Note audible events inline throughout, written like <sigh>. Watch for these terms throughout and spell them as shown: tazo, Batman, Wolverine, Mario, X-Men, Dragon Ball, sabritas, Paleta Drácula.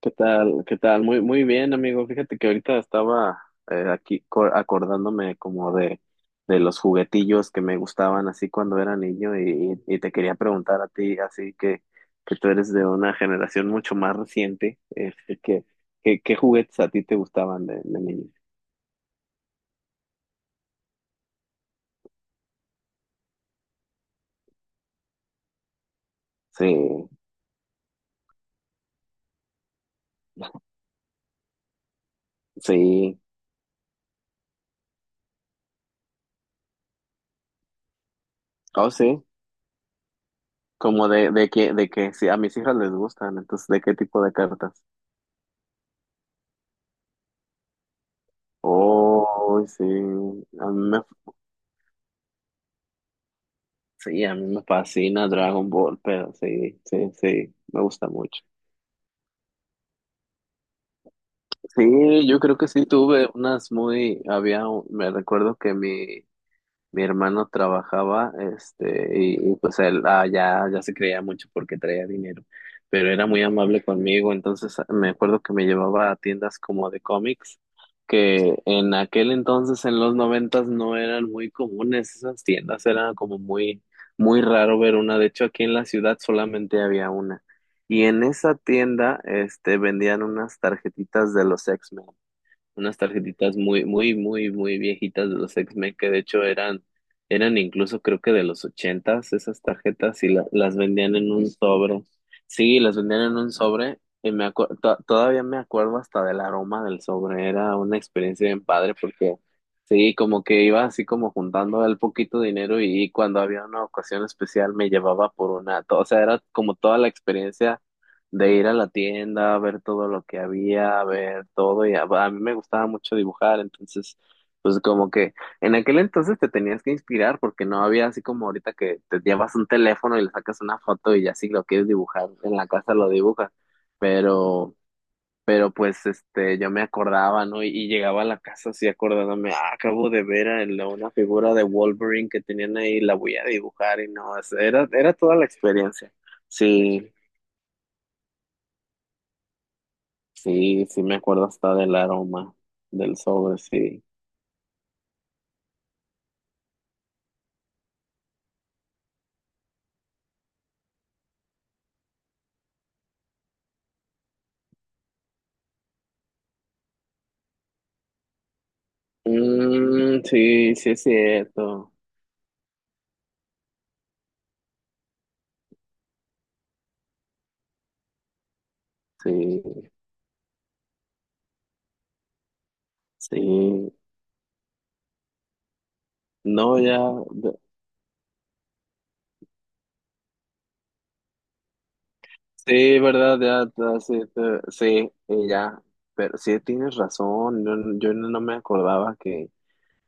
¿Qué tal? ¿Qué tal? Muy, muy bien, amigo. Fíjate que ahorita estaba aquí acordándome como de los juguetillos que me gustaban así cuando era niño y te quería preguntar a ti, así que tú eres de una generación mucho más reciente, este, ¿Qué juguetes a ti te gustaban de niño? Sí, sí, oh sí, como de que sí, a mis hijas les gustan, entonces, ¿de qué tipo de cartas? Oh, sí, a mí me sí, a mí me fascina Dragon Ball, pero sí, sí, sí, me gusta mucho. Sí, yo creo que sí tuve unas muy, había, me recuerdo que mi hermano trabajaba, este, pues él ya, ya se creía mucho porque traía dinero, pero era muy amable conmigo, entonces me acuerdo que me llevaba a tiendas como de cómics, que en aquel entonces, en los 90s, no eran muy comunes esas tiendas, era como muy, muy raro ver una. De hecho aquí en la ciudad solamente había una, y en esa tienda, este, vendían unas tarjetitas de los X-Men, unas tarjetitas muy, muy, muy, muy viejitas de los X-Men, que de hecho eran incluso creo que de los 80s esas tarjetas y las vendían en un sobre. Sí, las vendían en un sobre y me todavía me acuerdo hasta del aroma del sobre. Era una experiencia bien padre porque sí, como que iba así como juntando el poquito dinero y, cuando había una ocasión especial, me llevaba por o sea, era como toda la experiencia de ir a la tienda, a ver todo lo que había, a ver todo, y a mí me gustaba mucho dibujar. Entonces, pues como que en aquel entonces te tenías que inspirar porque no había así como ahorita que te llevas un teléfono y le sacas una foto y ya, si lo quieres dibujar en la casa, lo dibujas, pero, pero pues este, yo me acordaba, ¿no? Y llegaba a la casa así acordándome, ah, acabo de ver una figura de Wolverine que tenían ahí, la voy a dibujar. Y no, era, era toda la experiencia. Sí. Sí, sí me acuerdo hasta del aroma del sobre, sí. Mm, sí, sí es cierto. Sí, sí. No, ya. de- Sí, verdad, ya. Ya, sí, sí, y ya. Pero sí tienes razón. Yo no me acordaba que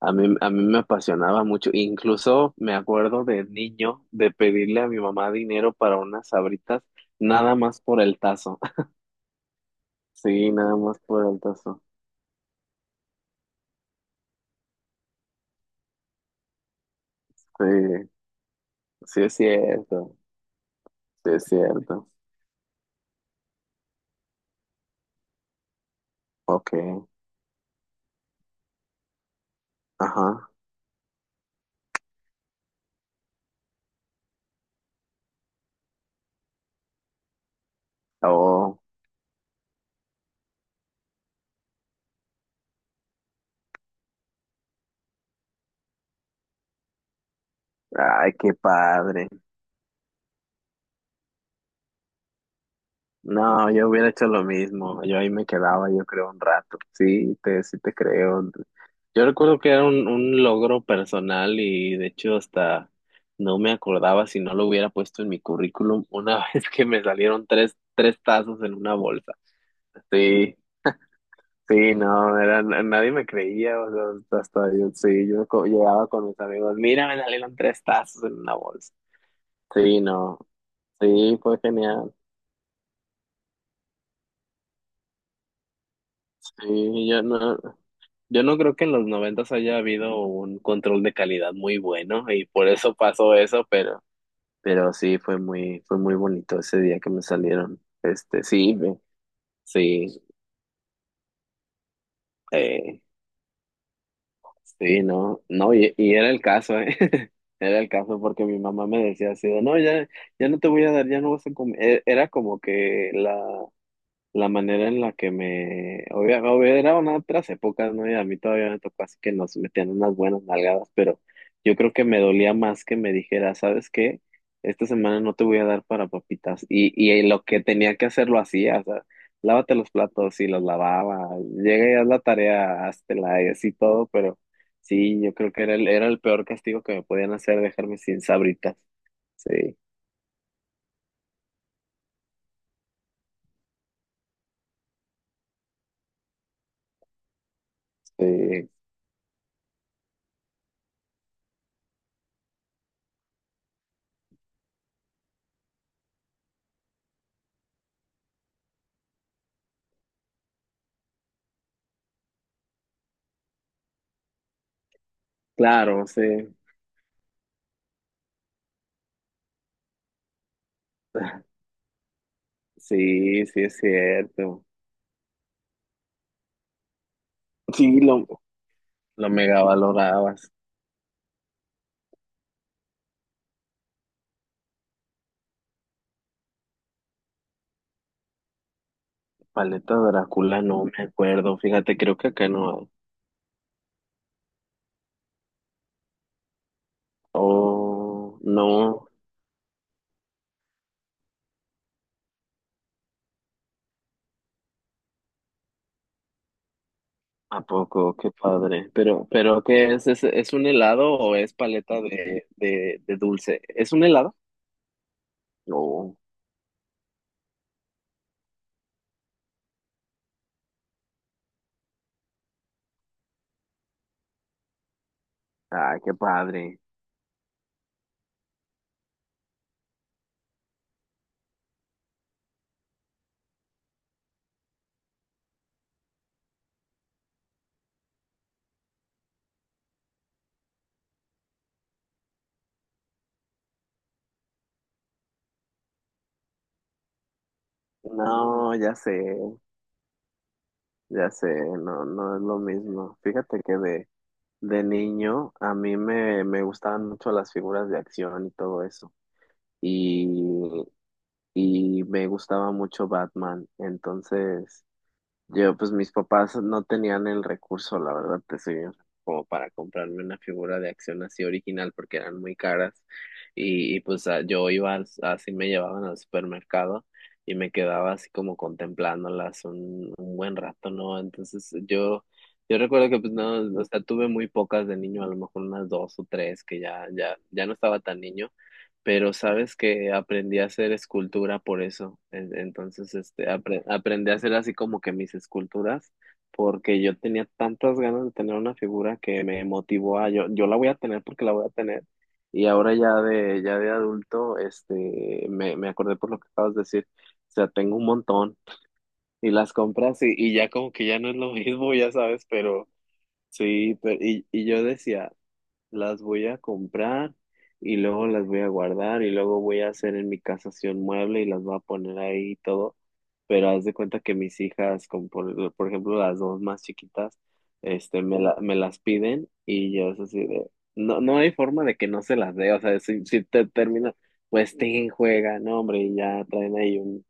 a mí me apasionaba mucho. Incluso me acuerdo de niño de pedirle a mi mamá dinero para unas sabritas, nada más por el tazo. <laughs> Sí, nada más por el tazo. Sí, sí es cierto. Sí, es cierto. Ok, ajá. Oh, ay, qué padre. No, yo hubiera hecho lo mismo. Yo ahí me quedaba, yo creo, un rato. Sí, sí te creo. Yo recuerdo que era un logro personal y de hecho hasta no me acordaba, si no lo hubiera puesto en mi currículum una <laughs> vez que me salieron tres tazos en una bolsa. Sí, sí, no, nadie me creía, o sea, hasta yo, sí, yo llegaba con mis amigos: mira, me salieron tres tazos en una bolsa. Sí, no, sí, fue genial. Sí, yo no, yo no creo que en los noventas haya habido un control de calidad muy bueno y por eso pasó eso, pero, sí fue muy, bonito ese día que me salieron. Este, sí, sí, eh, sí, no, no, y era el caso, eh. <laughs> Era el caso porque mi mamá me decía así, de, no, ya, ya no te voy a dar, ya no vas a comer. Era como que la manera en la que me... Eran otras épocas, ¿no? Y a mí todavía me tocó así que nos metían unas buenas nalgadas, pero yo creo que me dolía más que me dijera, ¿sabes qué? Esta semana no te voy a dar para papitas. Y lo que tenía que hacer lo hacía, o sea, lávate los platos y los lavaba, llega y haz la tarea, háztela, y así todo, pero sí, yo creo que era el peor castigo que me podían hacer, dejarme sin sabritas. Sí, sí, claro, sí, sí, sí es cierto. Sí, lo mega valorabas. Paleta Drácula, no me acuerdo. Fíjate, creo que acá no hay. Oh, no, ¿a poco? Qué padre. Pero ¿qué es? ¿Es un helado o es paleta de dulce? ¿Es un helado? No. Ah, qué padre. No, ya sé, no, no es lo mismo. Fíjate que de niño a mí me gustaban mucho las figuras de acción y todo eso. Y y me gustaba mucho Batman. Entonces, yo, pues mis papás no tenían el recurso, la verdad, te soy bien, como para comprarme una figura de acción así original porque eran muy caras. Pues yo iba, así me llevaban al supermercado y me quedaba así como contemplándolas un buen rato, ¿no? Entonces, yo... Yo recuerdo que pues no, o sea, tuve muy pocas de niño, a lo mejor unas dos o tres, que ya, ya, ya no estaba tan niño, pero sabes que aprendí a hacer escultura por eso. Entonces, este, aprendí a hacer así como que mis esculturas, porque yo tenía tantas ganas de tener una figura que me motivó a yo la voy a tener porque la voy a tener. Y ahora ya de, adulto, este, me acordé por lo que acabas de decir. O sea, tengo un montón y las compras y, ya como que ya no es lo mismo, ya sabes, pero sí. Pero, y yo decía: las voy a comprar y luego las voy a guardar y luego voy a hacer en mi casa así un mueble y las voy a poner ahí y todo. Pero haz de cuenta que mis hijas, como por ejemplo las dos más chiquitas, este, me las piden y yo es así de, no, no hay forma de que no se las dé. O sea, si te termina, pues te juega, no hombre, y ya traen ahí un,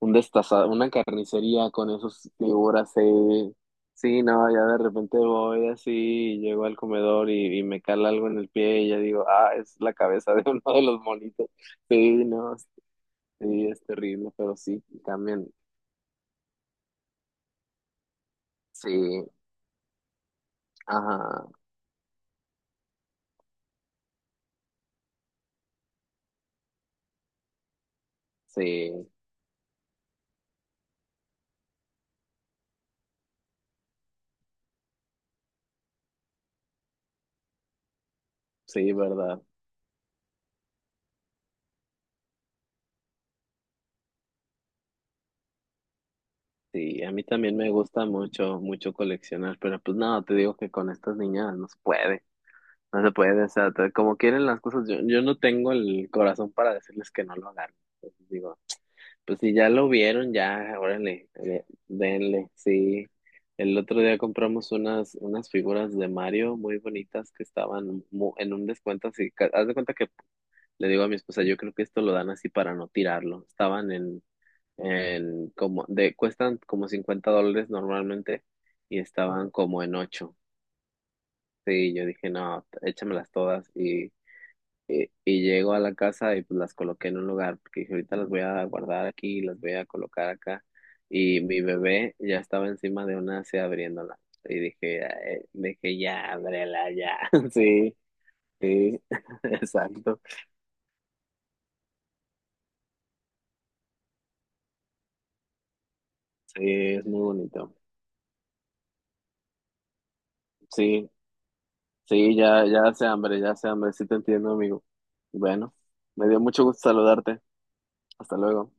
un destaza- una carnicería con esas figuras ahí. Sí, no, ya de repente voy así, y llego al comedor y, me cala algo en el pie y ya digo, ah, es la cabeza de <laughs> uno de los monitos. Sí, no, sí, es terrible, pero sí, cambian. Sí, ajá, sí, sí, verdad. Sí, a mí también me gusta mucho, mucho coleccionar, pero pues no, te digo que con estas niñas no se puede, no se puede, o sea, como quieren las cosas, yo no tengo el corazón para decirles que no lo hagan. Entonces digo, pues si ya lo vieron, ya, órale, denle, sí. El otro día compramos unas figuras de Mario muy bonitas que estaban en un descuento así. Haz de cuenta que le digo a mi esposa, yo creo que esto lo dan así para no tirarlo. Estaban en, como, de, cuestan como $50 normalmente y estaban como en ocho. Sí, yo dije, no, échamelas todas. Y llego a la casa y pues las coloqué en un lugar, porque dije, ahorita las voy a guardar aquí, las voy a colocar acá. Y mi bebé ya estaba encima de una así abriéndola. Y dije, "Ay", dije, ya, ábrela, ya. <laughs> Sí, sí, <laughs> exacto. Sí, es muy bonito. Sí, sí, ya, ya hace hambre, ya hace hambre. Sí te entiendo, amigo. Bueno, me dio mucho gusto saludarte. Hasta luego.